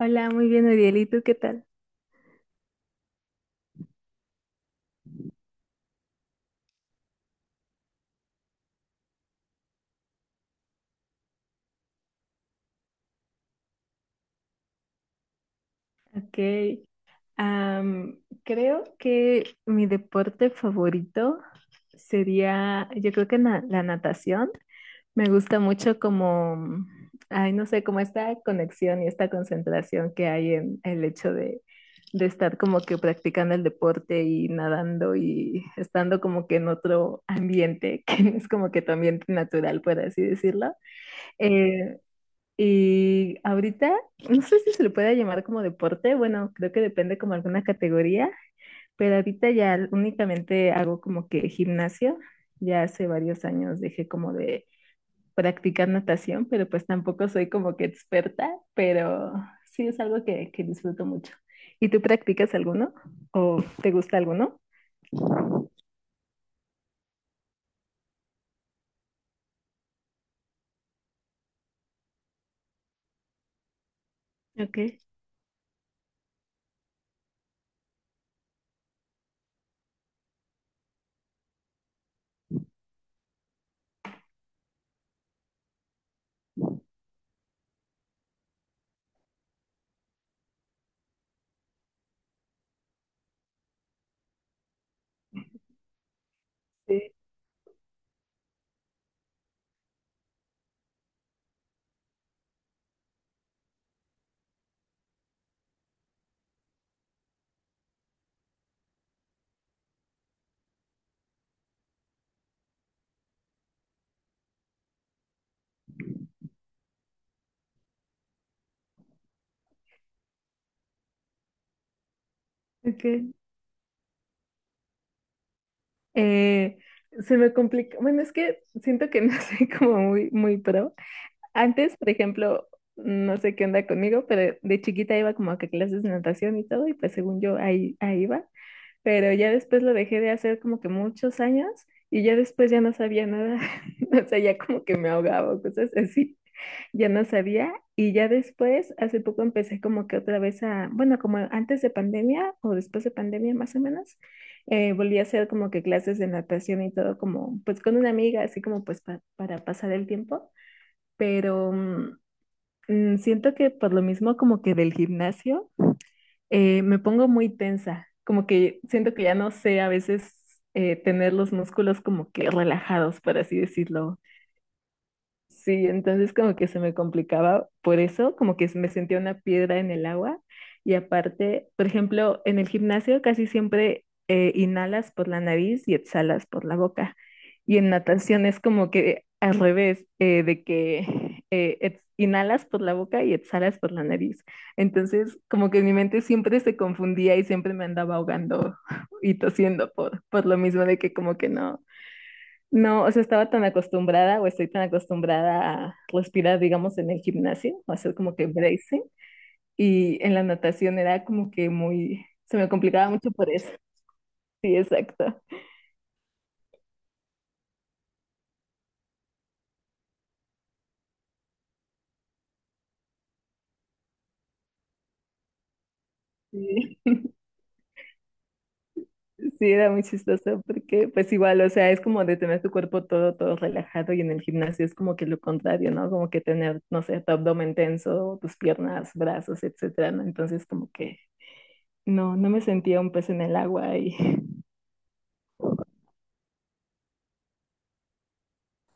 Hola, muy bien, Ariel. ¿Y tú qué tal? Ok. am, Creo que mi deporte favorito sería, yo creo que la natación. Me gusta mucho como, ay, no sé, como esta conexión y esta concentración que hay en el hecho de estar como que practicando el deporte y nadando y estando como que en otro ambiente que no es como que tu ambiente natural, por así decirlo. Eh, Y ahorita, no sé si se le puede llamar como deporte, bueno, creo que depende como alguna categoría, pero ahorita ya únicamente hago como que gimnasio. Ya hace varios años dejé como de practicar natación, pero pues tampoco soy como que experta, pero sí es algo que disfruto mucho. ¿Y tú practicas alguno o te gusta alguno? Okay. Sí, ok. Eh, Se me complica, bueno, es que siento que no soy como muy, muy pro. Antes, por ejemplo, no sé qué onda conmigo, pero de chiquita iba como que a clases de natación y todo, y pues según yo ahí, ahí iba, pero ya después lo dejé de hacer como que muchos años y ya después ya no sabía nada, o sea, ya como que me ahogaba o cosas así, ya no sabía y ya después, hace poco empecé como que otra vez a, bueno, como antes de pandemia o después de pandemia más o menos, volví a hacer como que clases de natación y todo como pues con una amiga, así como pues para pasar el tiempo, pero siento que por lo mismo como que del gimnasio me pongo muy tensa, como que siento que ya no sé a veces tener los músculos como que relajados, por así decirlo. Sí, entonces como que se me complicaba por eso, como que me sentía una piedra en el agua y aparte, por ejemplo, en el gimnasio casi siempre inhalas por la nariz y exhalas por la boca y en natación es como que al revés, de que inhalas por la boca y exhalas por la nariz. Entonces como que mi mente siempre se confundía y siempre me andaba ahogando y tosiendo por lo mismo de que como que no. No, o sea, estaba tan acostumbrada o estoy tan acostumbrada a respirar, digamos, en el gimnasio, o hacer como que bracing, y en la natación era como que muy, se me complicaba mucho por eso. Sí, exacto. Sí, sí, era muy chistoso porque pues igual, o sea, es como de tener tu cuerpo todo, todo relajado y en el gimnasio es como que lo contrario, ¿no? Como que tener, no sé, tu abdomen tenso, tus piernas, brazos, etcétera, ¿no? Entonces como que no, no me sentía un pez en el agua y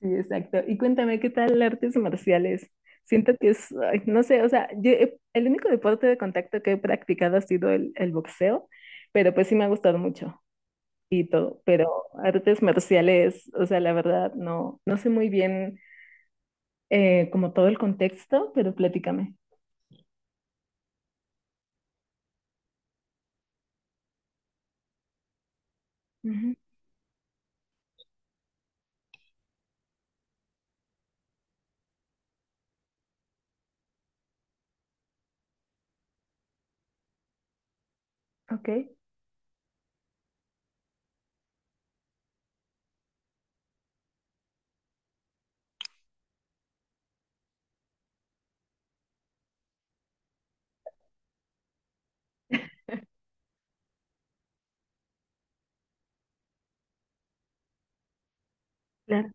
sí, exacto. Y cuéntame, ¿qué tal artes marciales? Siento que es, ay, no sé, o sea, el único deporte de contacto que he practicado ha sido el boxeo, pero pues sí me ha gustado mucho y todo, pero artes marciales, o sea, la verdad, no, no sé muy bien como todo el contexto, pero platícame. Ujú, ok, claro.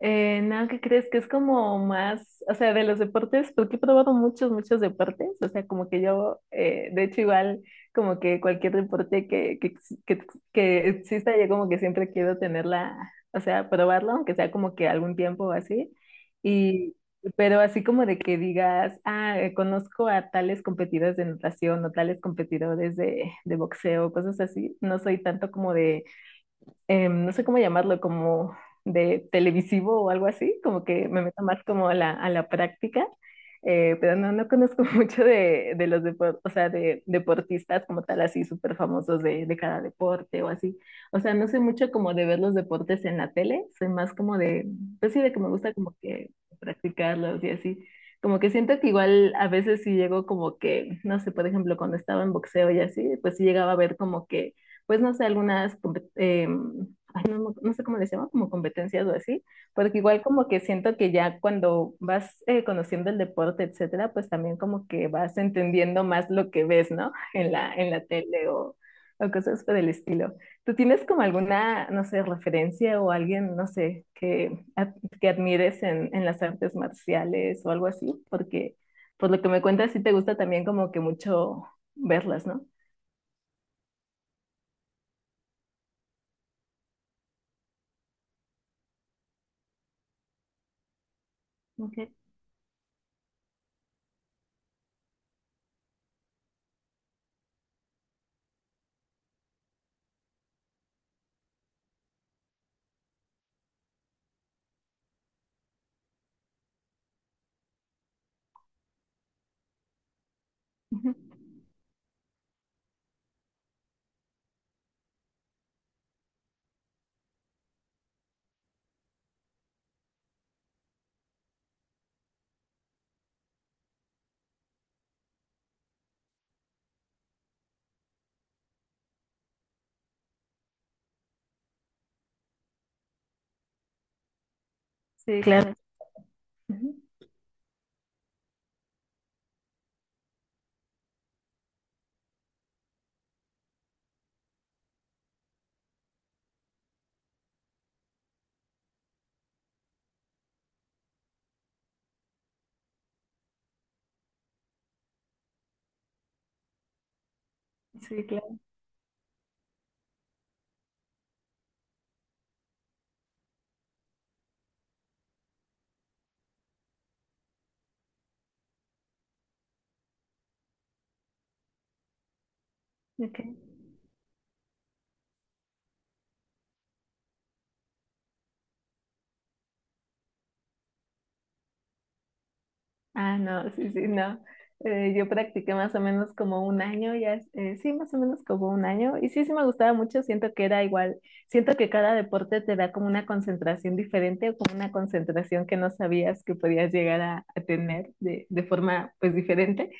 No, ¿qué crees? Que es como más, o sea, de los deportes, porque he probado muchos, muchos deportes, o sea, como que yo, de hecho, igual, como que cualquier deporte que, que exista, yo como que siempre quiero tenerla, o sea, probarlo, aunque sea como que algún tiempo o así, y, pero así como de que digas, ah, conozco a tales competidores de natación o tales competidores de boxeo, cosas así, no soy tanto como de no sé cómo llamarlo, como de televisivo o algo así, como que me meto más como a la práctica, pero no, no conozco mucho de, o sea, de deportistas como tal, así súper famosos de cada deporte o así. O sea, no sé mucho como de ver los deportes en la tele, soy más como de, pues sí, de que me gusta como que practicarlos y así. Como que siento que igual a veces sí llego como que, no sé, por ejemplo, cuando estaba en boxeo y así, pues sí llegaba a ver como que pues no sé, ay, no sé cómo les llama, como competencias o así, porque igual como que siento que ya cuando vas conociendo el deporte, etcétera, pues también como que vas entendiendo más lo que ves, ¿no? En la tele o cosas por el estilo. ¿Tú tienes como alguna, no sé, referencia o alguien, no sé, que admires en las artes marciales o algo así? Porque por lo que me cuentas, sí te gusta también como que mucho verlas, ¿no? Ok. Ujú. Sí, claro. Ujú. Sí, claro. Okay. Ah, no, sí, sí, no. Yo practiqué más o menos como 1 año, sí, más o menos como 1 año. Y sí, sí me gustaba mucho, siento que era igual, siento que cada deporte te da como una concentración diferente o como una concentración que no sabías que podías llegar a tener de forma pues diferente.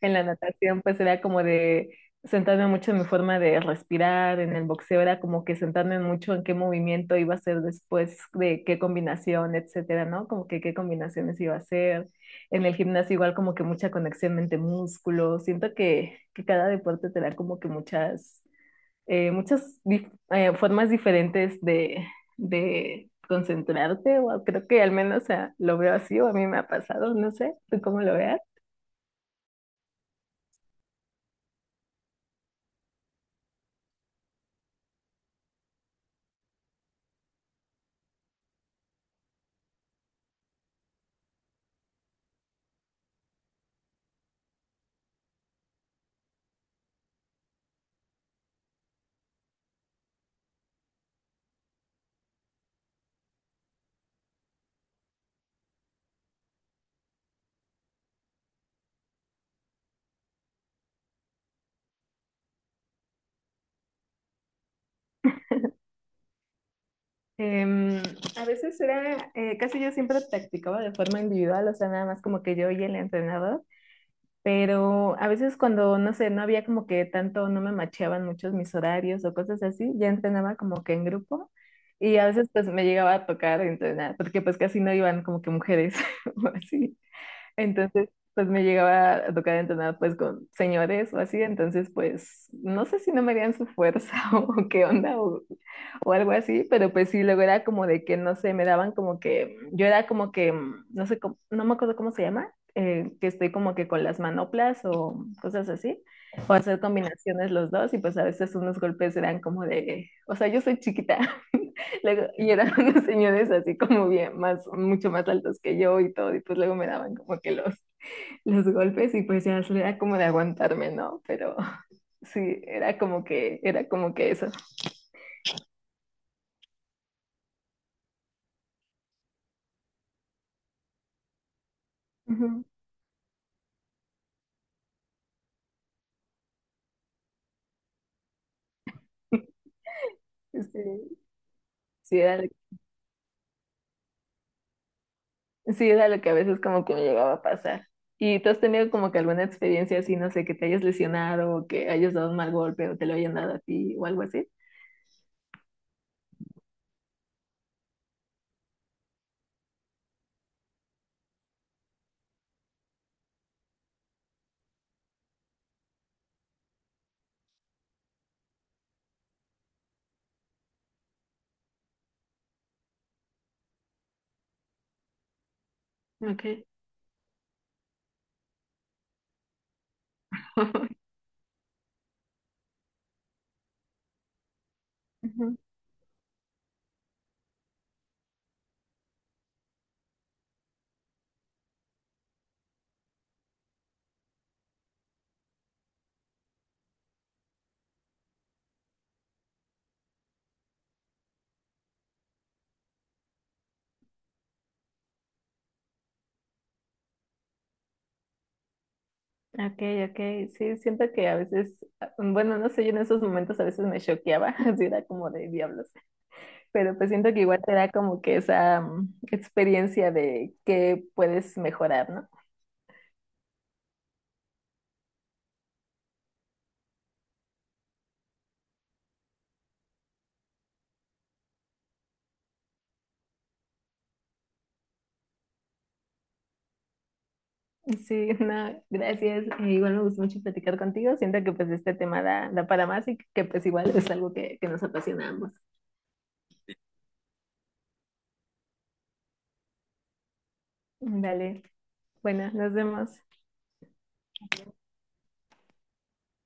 En la natación, pues era como de sentarme mucho en mi forma de respirar, en el boxeo era como que sentarme mucho en qué movimiento iba a hacer después, de qué combinación, etcétera, ¿no? Como que qué combinaciones iba a hacer. En el gimnasio igual como que mucha conexión mente-músculo. Siento que cada deporte te da como que muchas, eh, formas diferentes de concentrarte, o creo que al menos o sea, lo veo así, o a mí me ha pasado, no sé, ¿tú cómo lo veas? Em, a veces era, casi yo siempre practicaba de forma individual, o sea, nada más como que yo y el entrenador, pero a veces cuando, no sé, no había como que tanto, no me macheaban muchos mis horarios o cosas así, ya entrenaba como que en grupo y a veces pues me llegaba a tocar entrenar, porque pues casi no iban como que mujeres o así. Entonces, pues me llegaba a tocar entonar pues con señores o así, entonces pues no sé si no me harían su fuerza o qué onda o algo así, pero pues sí, luego era como de que no sé, me daban como que, yo era como que, no sé, no me acuerdo cómo se llama, que estoy como que con las manoplas o cosas así, o hacer combinaciones los dos y pues a veces unos golpes eran como de, o sea, yo soy chiquita. Luego, y eran unos señores así como bien, más, mucho más altos que yo y todo, y pues luego me daban como que los golpes y pues ya era como de aguantarme, ¿no? Pero sí, era como que eso. Ujú. Sí, sí, era, lo- sí, era lo que a veces como que me llegaba a pasar. ¿Y tú has tenido como que alguna experiencia así, no sé, que te hayas lesionado o que hayas dado un mal golpe o te lo hayan dado a ti o algo así? Ok. Ujú. Okay, okay, sí, siento que a veces, ah, bueno, no sé, yo en esos momentos a veces me choqueaba, así era como de diablos, pero pues siento que igual te da como que esa experiencia de que puedes mejorar, ¿no? Sí, no, gracias, igual me gustó mucho platicar contigo, siento que pues este tema da, da para más y que pues igual es algo que nos apasiona a ambos. Dale, bueno, nos vemos.